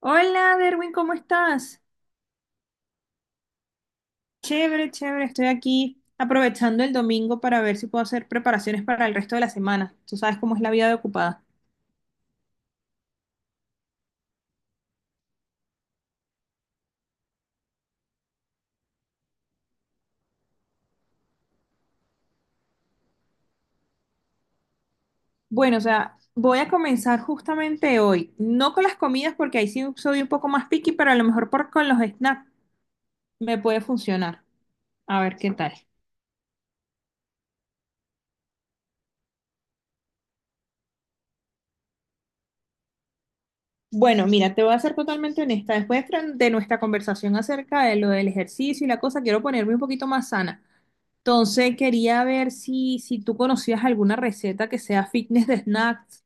Hola, Derwin, ¿cómo estás? Chévere, chévere, estoy aquí aprovechando el domingo para ver si puedo hacer preparaciones para el resto de la semana. Tú sabes cómo es la vida de ocupada. Bueno, o sea, voy a comenzar justamente hoy, no con las comidas porque ahí sí soy un poco más picky, pero a lo mejor con los snacks me puede funcionar. A ver qué tal. Bueno, mira, te voy a ser totalmente honesta. Después de nuestra conversación acerca de lo del ejercicio y la cosa, quiero ponerme un poquito más sana. Entonces quería ver si tú conocías alguna receta que sea fitness de snacks.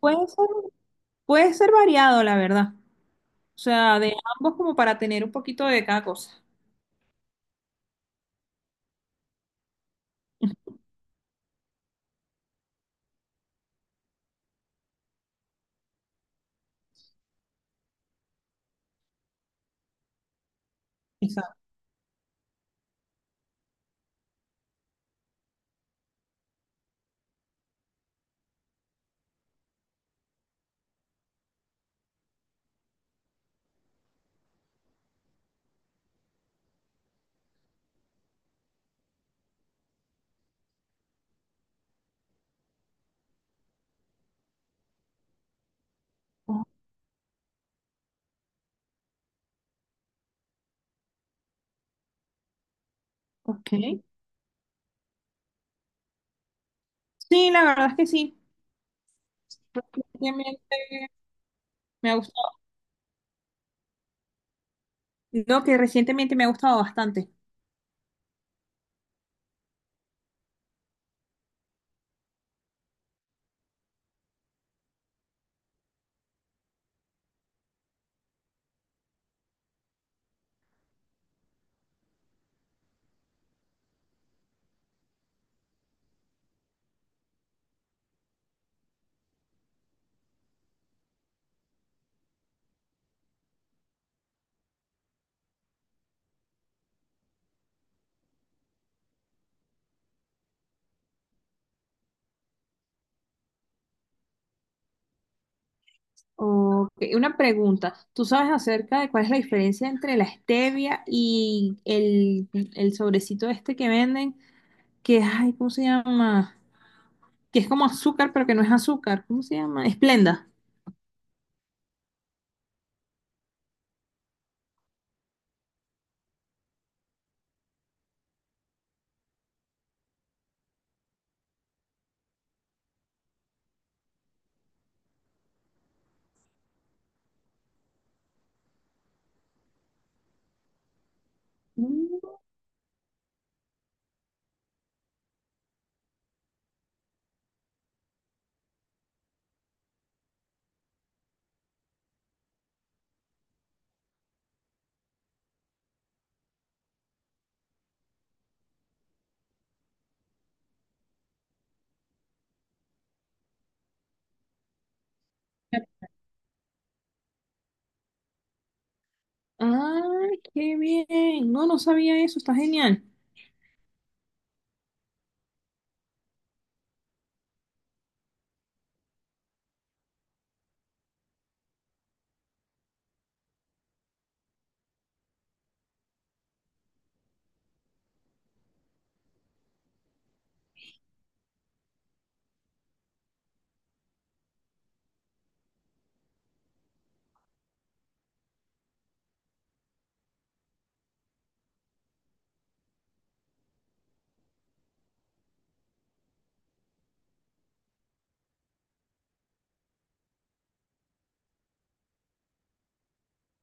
Puede ser, puede ser variado, la verdad. O sea, de ambos como para tener un poquito de cada cosa. Exacto. Ok. Sí, la verdad es que sí. Recientemente me ha gustado. No, que recientemente me ha gustado bastante. Ok, una pregunta. ¿Tú sabes acerca de cuál es la diferencia entre la stevia y el sobrecito este que venden? Que, ay, ¿cómo se llama? Que es como azúcar, pero que no es azúcar. ¿Cómo se llama? Esplenda. Mm, Ay, qué bien. No, no sabía eso, está genial.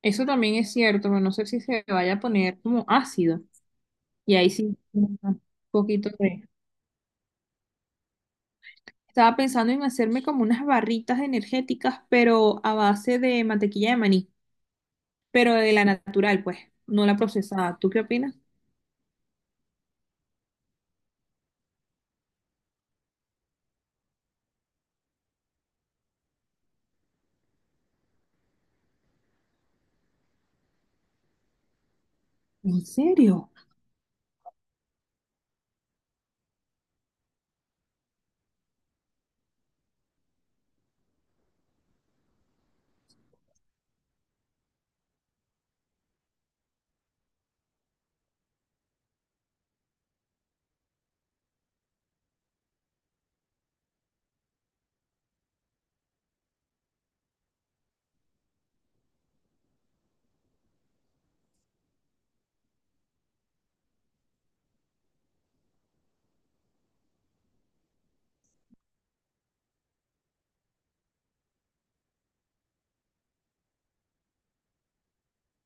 Eso también es cierto, pero no sé si se vaya a poner como ácido. Y ahí sí, un poquito de... Estaba pensando en hacerme como unas barritas energéticas, pero a base de mantequilla de maní, pero de la natural, pues, no la procesada. ¿Tú qué opinas? ¿En serio?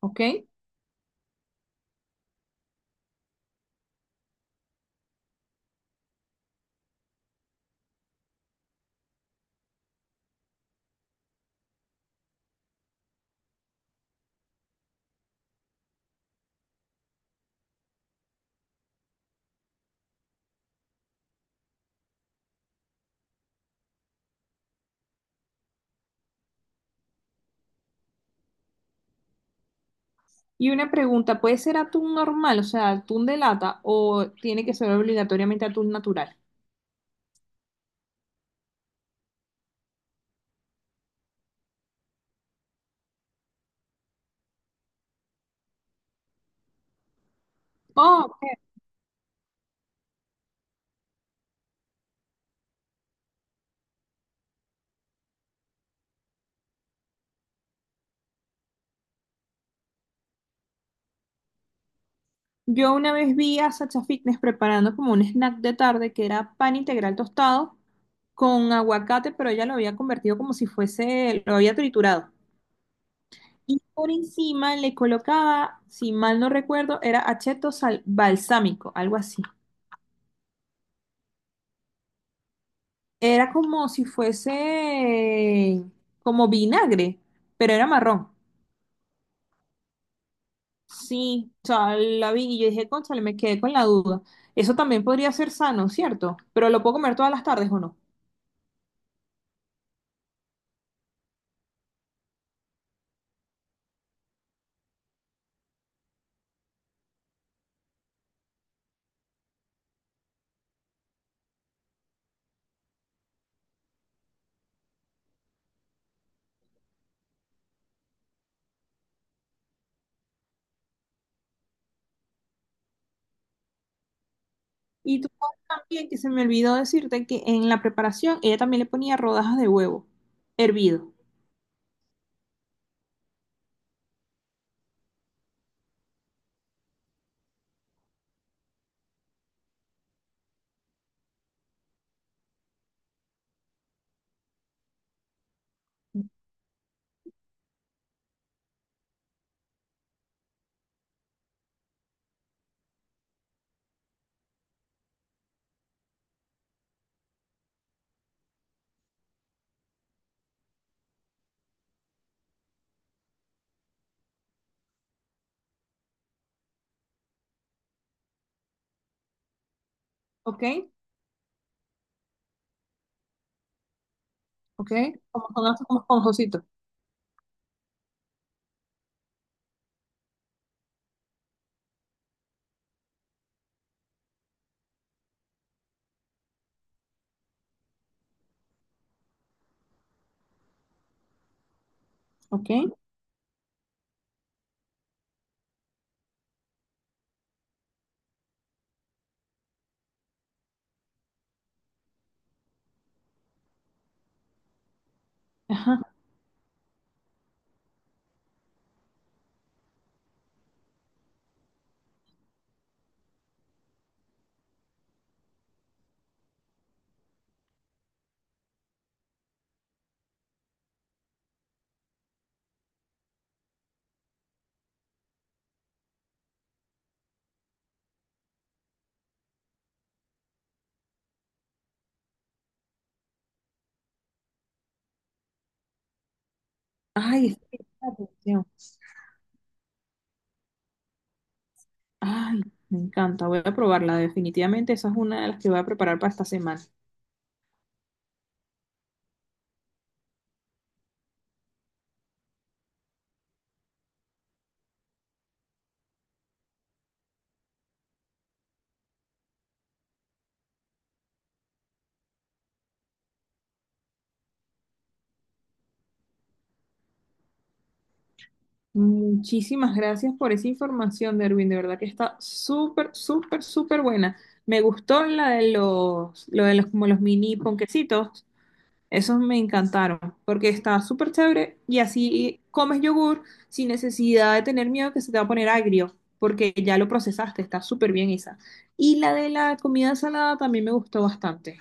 ¿Ok? Y una pregunta, ¿puede ser atún normal, o sea, atún de lata, o tiene que ser obligatoriamente atún natural? Oh, ok. Yo una vez vi a Sacha Fitness preparando como un snack de tarde que era pan integral tostado con aguacate, pero ella lo había convertido como si fuese, lo había triturado. Y por encima le colocaba, si mal no recuerdo, era acheto balsámico, algo así. Era como si fuese como vinagre, pero era marrón. Sí, o sea, la vi y yo dije, cónchale, me quedé con la duda. Eso también podría ser sano, ¿cierto? Pero lo puedo comer todas las tardes o no. Y tú sabes también que se me olvidó decirte que en la preparación ella también le ponía rodajas de huevo hervido. ¿Ok? ¿Ok? Como con como esponjosito. ¿Ok? Ajá. Ay, es que llama atención. Ay, me encanta. Voy a probarla. Definitivamente esa es una de las que voy a preparar para esta semana. Muchísimas gracias por esa información, Derwin. De verdad que está súper, súper, súper buena. Me gustó la de los, lo de los, como los mini ponquecitos. Esos me encantaron porque está súper chévere y así comes yogur sin necesidad de tener miedo que se te va a poner agrio porque ya lo procesaste. Está súper bien esa. Y la de la comida salada también me gustó bastante.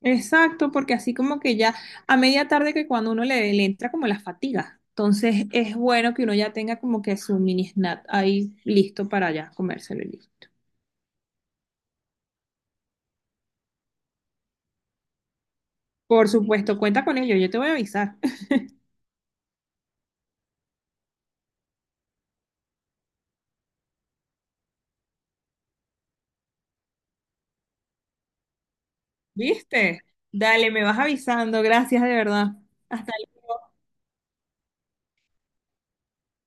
Exacto, porque así como que ya a media tarde que cuando uno le entra como la fatiga, entonces es bueno que uno ya tenga como que su mini snack ahí listo para ya comérselo y listo. Por supuesto, cuenta con ello, yo te voy a avisar. ¿Viste? Dale, me vas avisando, gracias de verdad. Hasta